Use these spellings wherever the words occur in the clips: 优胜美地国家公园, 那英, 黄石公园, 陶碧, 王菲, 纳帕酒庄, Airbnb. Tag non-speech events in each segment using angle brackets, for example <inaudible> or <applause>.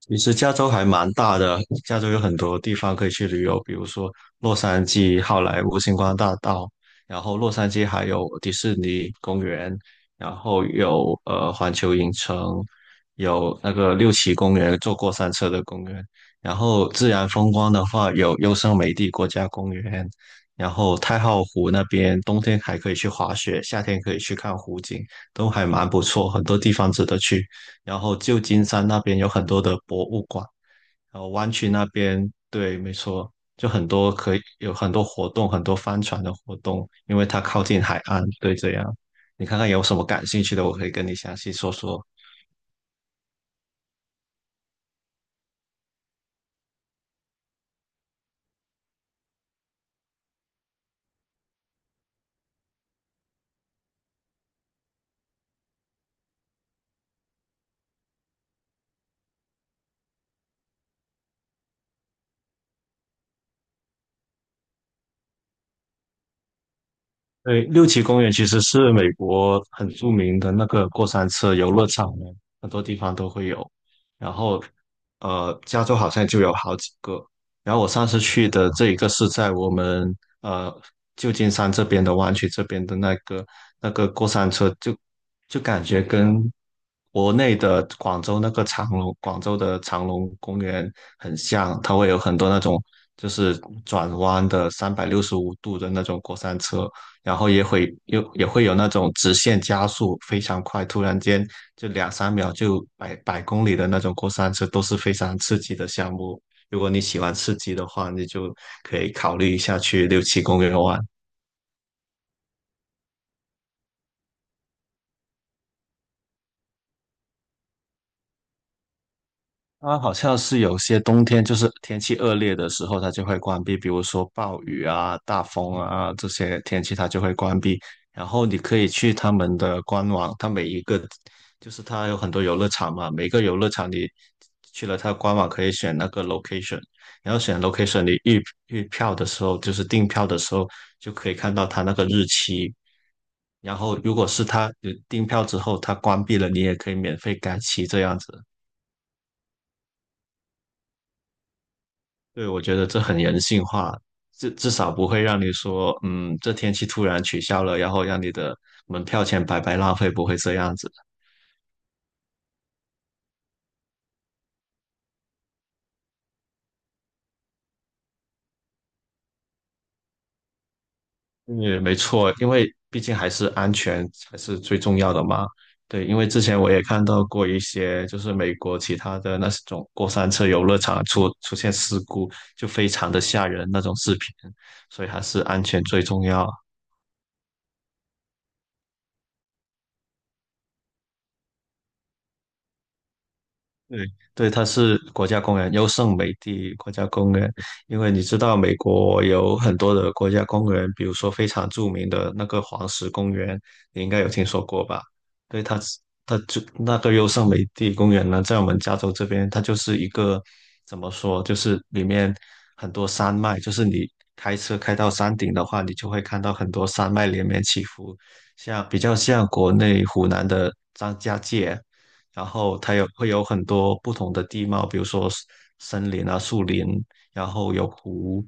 其实加州还蛮大的，加州有很多地方可以去旅游，比如说洛杉矶、好莱坞星光大道，然后洛杉矶还有迪士尼公园，然后有环球影城，有那个六旗公园，坐过山车的公园，然后自然风光的话有优胜美地国家公园，然后太浩湖那边冬天还可以去滑雪，夏天可以去看湖景，都还蛮不错，很多地方值得去。然后旧金山那边有很多的博物馆，然后湾区那边，对，没错，就很多有很多活动，很多帆船的活动，因为它靠近海岸，对，这样。你看看有什么感兴趣的，我可以跟你详细说说。对，六旗公园其实是美国很著名的那个过山车游乐场呢，很多地方都会有。然后，加州好像就有好几个。然后我上次去的这一个是在我们呃旧金山这边的湾区这边的那个过山车就，就感觉跟国内的广州那个长隆广州的长隆公园很像，它会有很多那种就是转弯的365度的那种过山车。然后也会有那种直线加速非常快，突然间就两三秒就百公里的那种过山车，都是非常刺激的项目。如果你喜欢刺激的话，你就可以考虑一下去六七公园玩。它好像是有些冬天就是天气恶劣的时候，它就会关闭，比如说暴雨啊、大风啊这些天气，它就会关闭。然后你可以去他们的官网，它每一个就是它有很多游乐场嘛，每个游乐场你去了它官网可以选那个 location，然后选 location，你预票的时候就是订票的时候就可以看到它那个日期。然后如果是它订票之后它关闭了，你也可以免费改期这样子。对，我觉得这很人性化，至少不会让你说，嗯，这天气突然取消了，然后让你的门票钱白白浪费，不会这样子。嗯，没错，因为毕竟还是安全才是最重要的嘛。对，因为之前我也看到过一些，就是美国其他的那种过山车游乐场出现事故，就非常的吓人那种视频，所以还是安全最重要。对，对，它是国家公园，优胜美地国家公园。因为你知道，美国有很多的国家公园，比如说非常著名的那个黄石公园，你应该有听说过吧？对，它就那个优胜美地公园呢，在我们加州这边，它就是一个怎么说，就是里面很多山脉，就是你开车开到山顶的话，你就会看到很多山脉连绵起伏，像比较像国内湖南的。别然后它会有很多不同的地貌，比如说 森林啊、树林，然后有湖，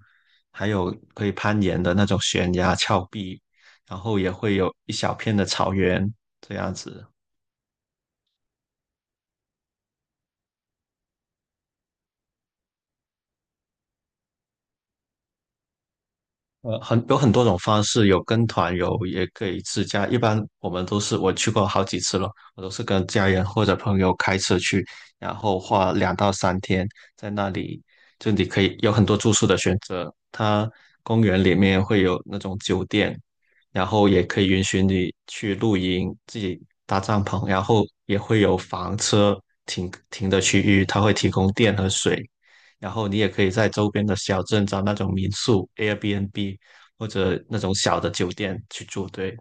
还有可以攀岩的那种悬崖峭壁，然后也会有一小片的草原这样子。有很多种方式，有跟团游，也可以自驾。一般我们都是我去过好几次了，我都是跟家人或者朋友开车去，然后花2到3天在那里，就你可以有很多住宿的选择。它公园里面会有那种酒店，然后也可以允许你去露营，自己搭帐篷，然后也会有房车停的区域，它会提供电和水，然后你也可以在周边的小镇找那种民宿、Airbnb 或者那种小的酒店去住。对，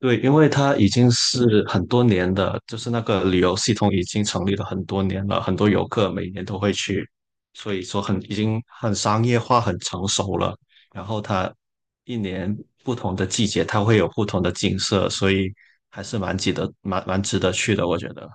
对，因为它已经是很多年的，就是那个旅游系统已经成立了很多年了，很多游客每年都会去，所以说已经很商业化、很成熟了。然后它一年不同的季节，它会有不同的景色，所以还是蛮值得去的，我觉得。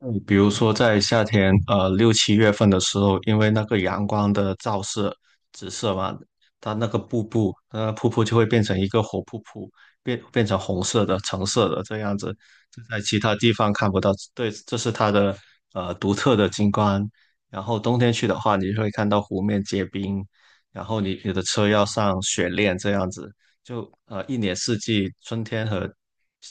嗯，比如说在夏天，六七月份的时候，因为那个阳光的直射嘛，它那个瀑布就会变成一个火瀑布，变成红色的、橙色的这样子，这在其他地方看不到。对，这是它的独特的景观。然后冬天去的话，你会看到湖面结冰，然后你的车要上雪链这样子。就一年四季，春天和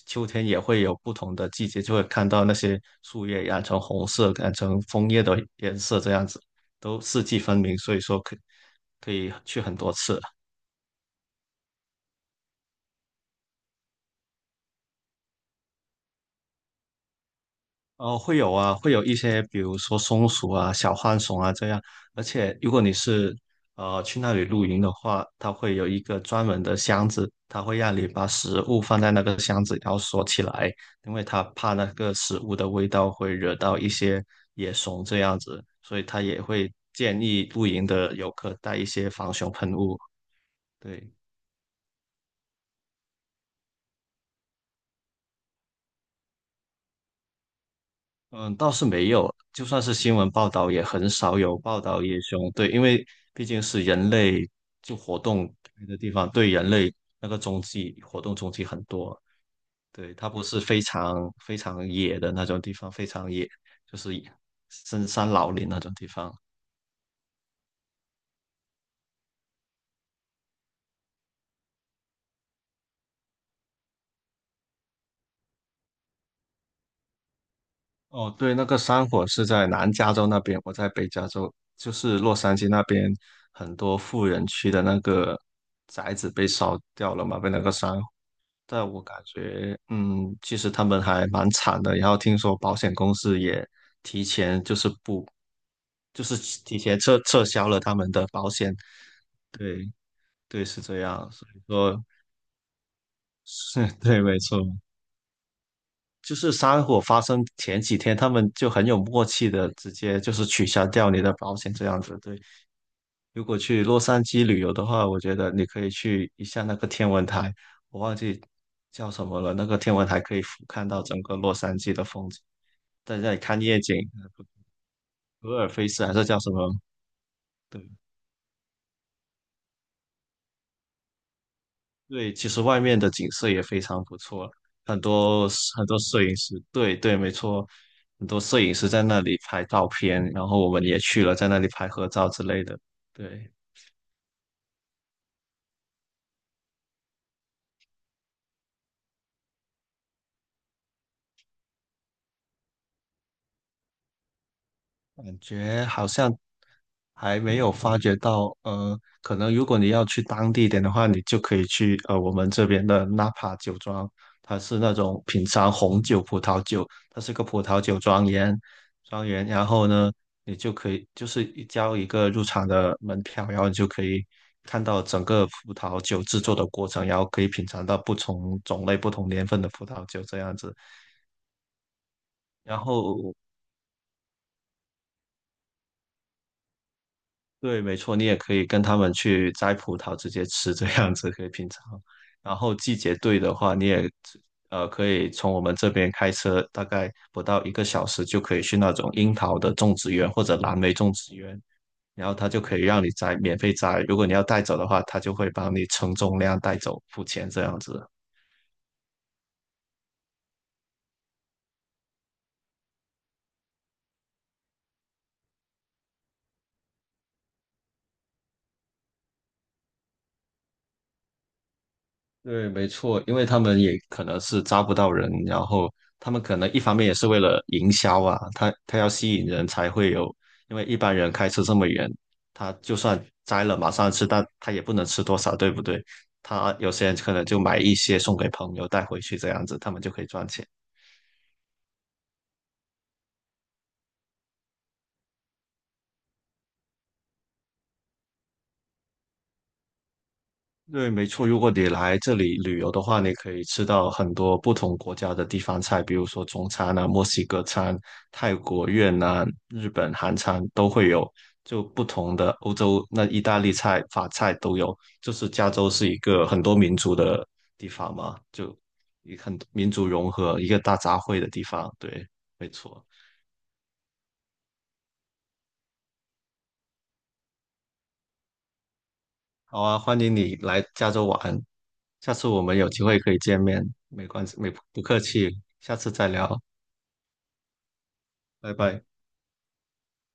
秋天也会有不同的季节，就会看到那些树叶染成红色，染成枫叶的颜色，这样子都四季分明，所以说可以去很多次。哦，会有啊，会有一些，比如说松鼠啊、小浣熊啊这样。而且，如果你是去那里露营的话，它会有一个专门的箱子，它会让你把食物放在那个箱子，然后锁起来，因为它怕那个食物的味道会惹到一些野熊这样子，所以它也会建议露营的游客带一些防熊喷雾。对。嗯，倒是没有，就算是新闻报道，也很少有报道野熊。对，因为毕竟是人类就活动开的地方，对人类那个踪迹活动踪迹很多。对，它不是非常野的那种地方，非常野就是深山老林那种地方。哦，对，那个山火是在南加州那边，我在北加州，就是洛杉矶那边很多富人区的那个宅子被烧掉了嘛，被那个山，但我感觉，嗯，其实他们还蛮惨的。然后听说保险公司也提前就是不，就是提前撤销了他们的保险。对对，是这样。所以说，是 <laughs> 对，没错。就是山火发生前几天，他们就很有默契的直接就是取消掉你的保险这样子。对，如果去洛杉矶旅游的话，我觉得你可以去一下那个天文台，我忘记叫什么了。那个天文台可以俯瞰到整个洛杉矶的风景，在那里看夜景，普尔菲斯还是叫什么？对对，其实外面的景色也非常不错，很多很多摄影师，对对，没错，很多摄影师在那里拍照片，然后我们也去了，在那里拍合照之类的。对，感觉好像还没有发觉到，可能如果你要去当地一点的话，你就可以去我们这边的纳帕酒庄，它是那种品尝红酒、葡萄酒，它是个葡萄酒庄园，庄园，然后呢，你就可以就是一个入场的门票，然后你就可以看到整个葡萄酒制作的过程，然后可以品尝到不同种类、不同年份的葡萄酒这样子。然后对，没错，你也可以跟他们去摘葡萄直接吃，这样子可以品尝。然后季节对的话，你也可以从我们这边开车，大概不到一个小时就可以去那种樱桃的种植园或者蓝莓种植园，然后他就可以让你摘，免费摘。如果你要带走的话，他就会帮你称重量带走，付钱这样子。对，没错，因为他们也可能是招不到人，然后他们可能一方面也是为了营销啊，他要吸引人才会有，因为一般人开车这么远，他就算摘了马上吃，但他也不能吃多少，对不对？他有些人可能就买一些送给朋友带回去这样子，他们就可以赚钱。对，没错。如果你来这里旅游的话，你可以吃到很多不同国家的地方菜，比如说中餐啊、墨西哥餐、泰国、越南、日本、韩餐都会有，就不同的欧洲那意大利菜、法菜都有。就是加州是一个很多民族的地方嘛，很民族融合，一个大杂烩的地方。对，没错。好啊，欢迎你来加州玩，下次我们有机会可以见面，没关系，没不客气，下次再聊，拜拜。